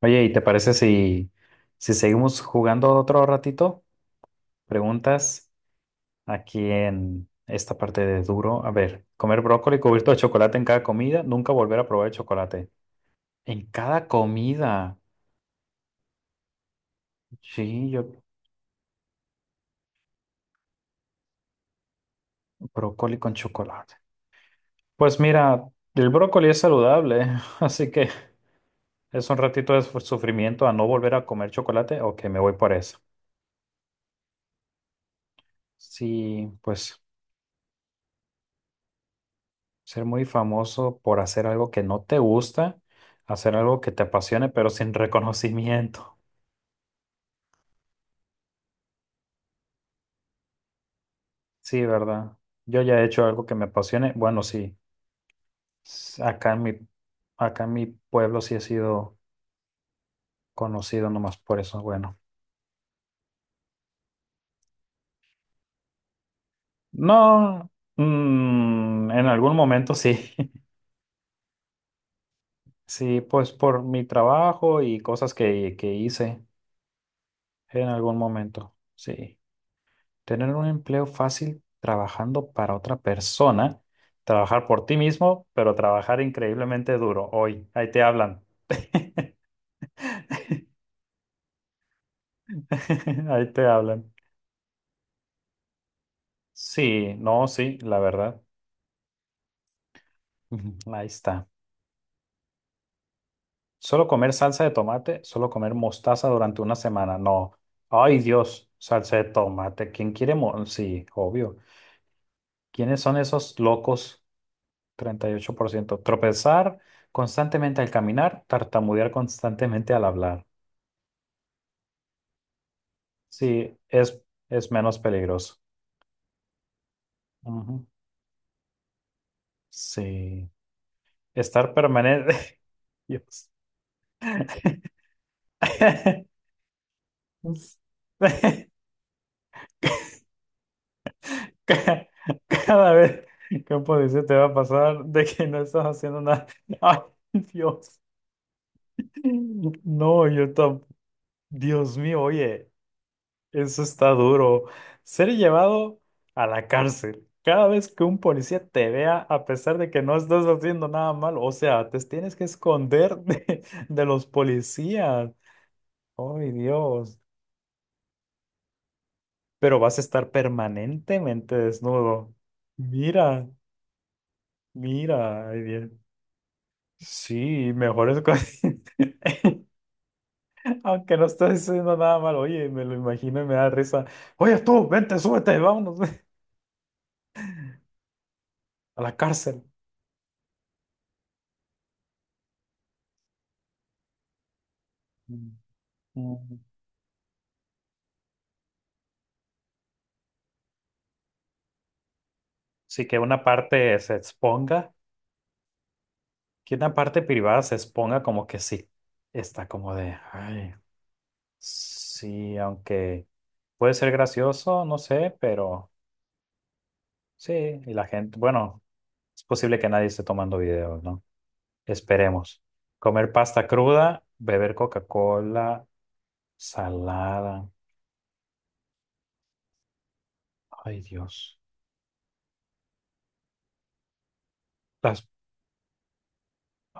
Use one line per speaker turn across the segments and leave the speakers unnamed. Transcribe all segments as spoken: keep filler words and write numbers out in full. Oye, ¿y te parece si, si seguimos jugando otro ratito? Preguntas aquí en esta parte de duro. A ver, comer brócoli cubierto de chocolate en cada comida, nunca volver a probar el chocolate. En cada comida. Sí, yo brócoli con chocolate. Pues mira, el brócoli es saludable, así que es un ratito de sufrimiento a no volver a comer chocolate. Ok, me voy por eso. Sí, pues. Ser muy famoso por hacer algo que no te gusta, hacer algo que te apasione, pero sin reconocimiento. Sí, ¿verdad? Yo ya he hecho algo que me apasione. Bueno, sí. S- Acá en mi, acá en mi pueblo sí he sido conocido nomás por eso. Bueno, no, mm, en algún momento sí. Sí, pues por mi trabajo y cosas que, que hice en algún momento. Sí. Tener un empleo fácil trabajando para otra persona, trabajar por ti mismo, pero trabajar increíblemente duro. Hoy, ahí te hablan. Ahí te hablan. Sí, no, sí, la verdad. Ujú, ahí está. Solo comer salsa de tomate, solo comer mostaza durante una semana. No. Ay, Dios, salsa de tomate. ¿Quién quiere? mo- Sí, obvio. ¿Quiénes son esos locos? Treinta y ocho por ciento. Tropezar constantemente al caminar, tartamudear constantemente al hablar. Sí, es, es menos peligroso. Ujú. Sí. Estar permanente. Dios. Ca- Cada vez que un policía te va a pasar de que no estás haciendo nada. Ay, Dios. No, yo tampoco. Dios mío, oye. Eso está duro. Ser llevado a la cárcel. Cada vez que un policía te vea, a pesar de que no estás haciendo nada malo, o sea, te tienes que esconder de, de los policías. ¡Ay, Dios! Pero vas a estar permanentemente desnudo. Mira, mira, ay, Dios. Sí, mejor es con- Aunque no estés haciendo nada malo. Oye, me lo imagino y me da risa. Oye, tú, vente, súbete, vámonos a la cárcel. Mm. Mm. Sí, que una parte se exponga, que una parte privada se exponga como que sí, está como de, ay, sí, aunque puede ser gracioso, no sé, pero sí, y la gente, bueno, es posible que nadie esté tomando videos, ¿no? Esperemos. Comer pasta cruda, beber Coca-Cola, salada, ay Dios. Las,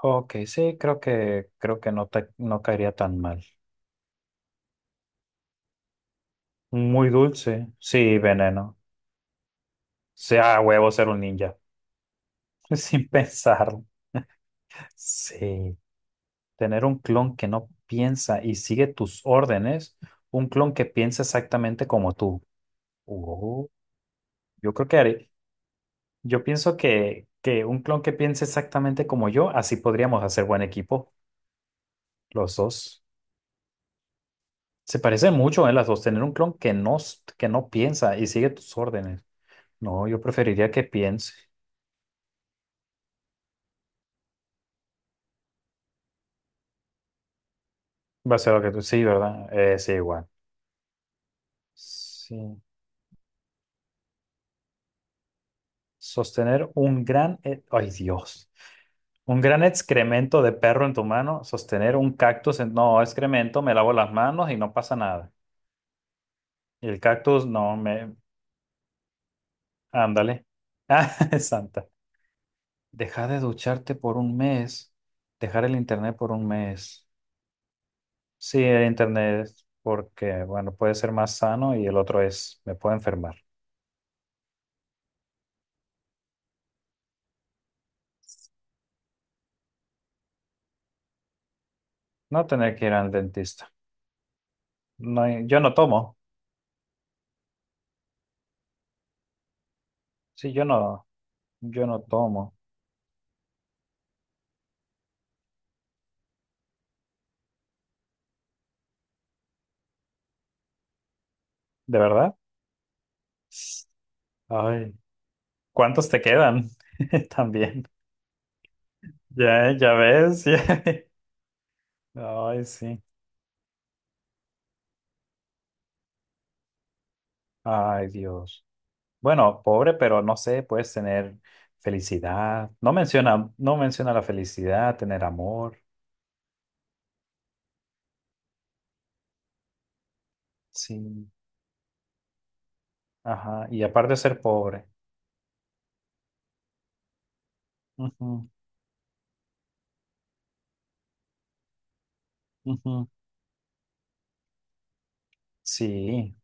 ok, sí, creo que, creo que no te, no caería tan mal. Muy dulce, sí, veneno. Sea huevo ser un ninja. Sin pensar. Sí. Tener un clon que no piensa y sigue tus órdenes, un clon que piensa exactamente como tú. Oh. Yo creo que haré- yo pienso que, que un clon que piense exactamente como yo, así podríamos hacer buen equipo, los dos. Se parecen mucho, ¿eh? Las dos. Tener un clon que no, s- que no piensa y sigue tus órdenes. No, yo preferiría que piense. Va a ser lo que tú, sí, ¿verdad? Eh, sí, igual. Sí. Sostener un gran... e- Ay, Dios. Un gran excremento de perro en tu mano, sostener un cactus en... No, excremento, me lavo las manos y no pasa nada. Y el cactus, no, me... Ándale. Ah, santa. Dejar de ducharte por un mes. Dejar el internet por un mes. Sí, el internet, porque, bueno, puede ser más sano y el otro es, me puedo enfermar. No tener que ir al dentista. No, hay- yo no tomo. Sí, yo no, yo no tomo. ¿De verdad? Ay, ¿cuántos te quedan? También. Ya, ya ves. ya- Ay, sí. Ay, Dios. Bueno, pobre, pero no sé, puedes tener felicidad. No menciona, no menciona la felicidad, tener amor. Sí. Ajá. Y aparte de ser pobre. Ujú, ujú. Sí.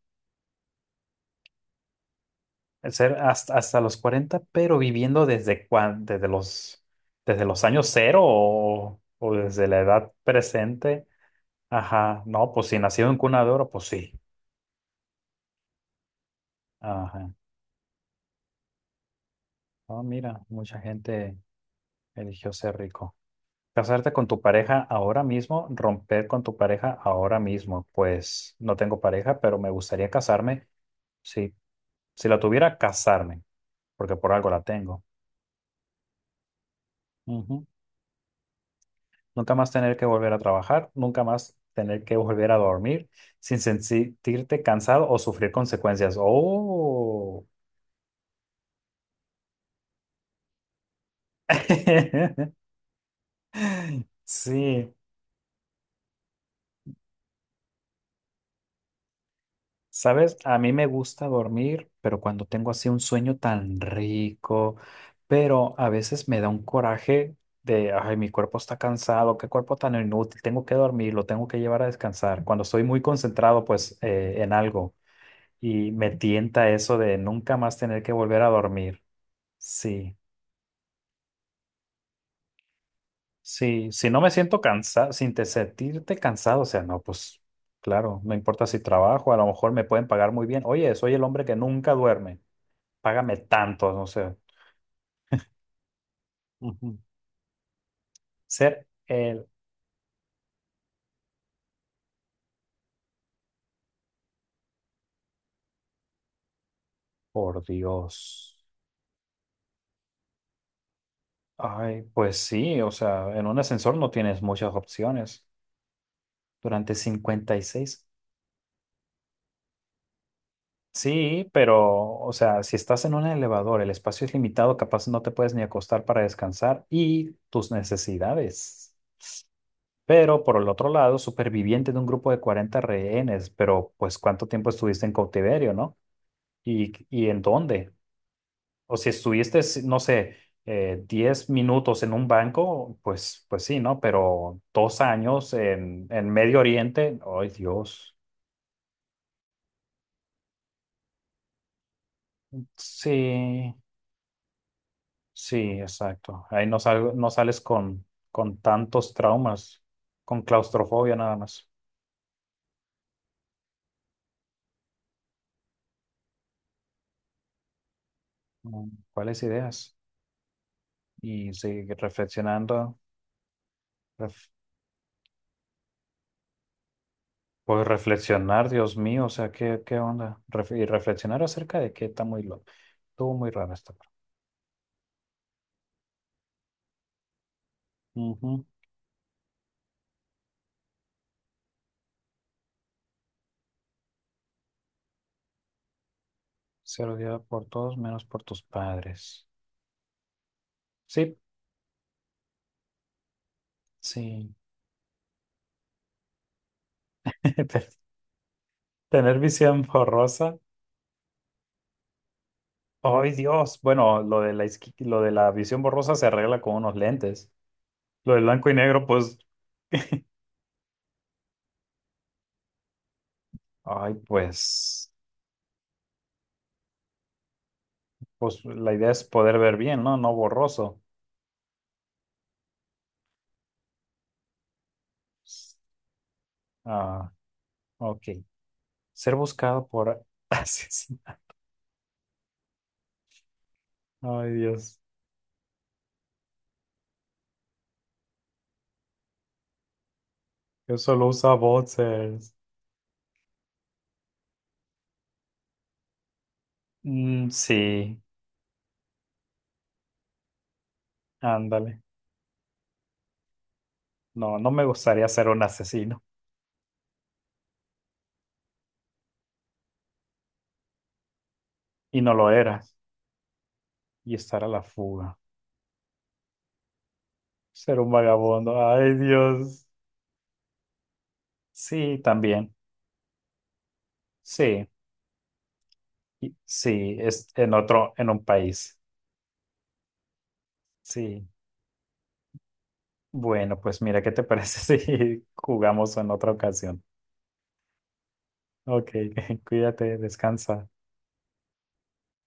El ser hasta, hasta los cuarenta pero viviendo desde cuan- desde los, desde los años cero o, o desde la edad presente. Ajá. No, pues si nacido en cuna de oro, pues sí. Ajá. Oh, mira, mucha gente. Eligió ser rico. Casarte con tu pareja ahora mismo, romper con tu pareja ahora mismo. Pues no tengo pareja, pero me gustaría casarme. Sí, si la tuviera, casarme, porque por algo la tengo. Ujú. Nunca más tener que volver a trabajar, nunca más tener que volver a dormir sin sen- sentirte cansado o sufrir consecuencias. Oh, sí. Sabes, a mí me gusta dormir, pero cuando tengo así un sueño tan rico, pero a veces me da un coraje de, ay, mi cuerpo está cansado, qué cuerpo tan inútil, tengo que dormir, lo tengo que llevar a descansar. Cuando estoy muy concentrado, pues, eh, en algo y me tienta eso de nunca más tener que volver a dormir. Sí, sí, si no me siento cansado, sin te sentirte cansado, o sea, no, pues, claro, no importa si trabajo, a lo mejor me pueden pagar muy bien. Oye, soy el hombre que nunca duerme. Págame tanto, no sé. Ujú. Ser el, por Dios. Ay, pues sí, o sea, en un ascensor no tienes muchas opciones. Durante cincuenta y seis. Sí, pero, o sea, si estás en un elevador, el espacio es limitado, capaz no te puedes ni acostar para descansar y tus necesidades. Pero por el otro lado, superviviente de un grupo de cuarenta rehenes, pero pues ¿cuánto tiempo estuviste en cautiverio, no? ¿Y, y en dónde? O si estuviste, si, no sé, eh, diez minutos en un banco, pues, pues sí, ¿no? Pero dos años en, en Medio Oriente, ¡ay Dios! Sí, sí, exacto. Ahí no, sal no sales con, con tantos traumas, con claustrofobia nada más. Mm, ¿Cuáles ideas? Y sigue reflexionando, ref- pues reflexionar, Dios mío, o sea, ¿qué, qué onda? Ref- y reflexionar acerca de que está muy loco. Estuvo muy raro esta parte. Ujú. Ser odiado por todos menos por tus padres. Sí, sí. Te- Tener visión borrosa. ¡Ay, Dios! Bueno, lo de la, isqui- lo de la visión borrosa se arregla con unos lentes. Lo de blanco y negro, pues, ay, pues, pues la idea es poder ver bien, ¿no? No borroso. Ah, ok. Ser buscado por asesino. Ay, Dios. Yo solo usa boxers. Mm, sí, ándale. No, no me gustaría ser un asesino. Y no lo era. Y estar a la fuga. Ser un vagabundo. Ay, Dios. Sí, también. Sí, y- sí, es en otro, en un país. Sí. Bueno, pues mira, ¿qué te parece si jugamos en otra ocasión? Ok, cuídate, descansa.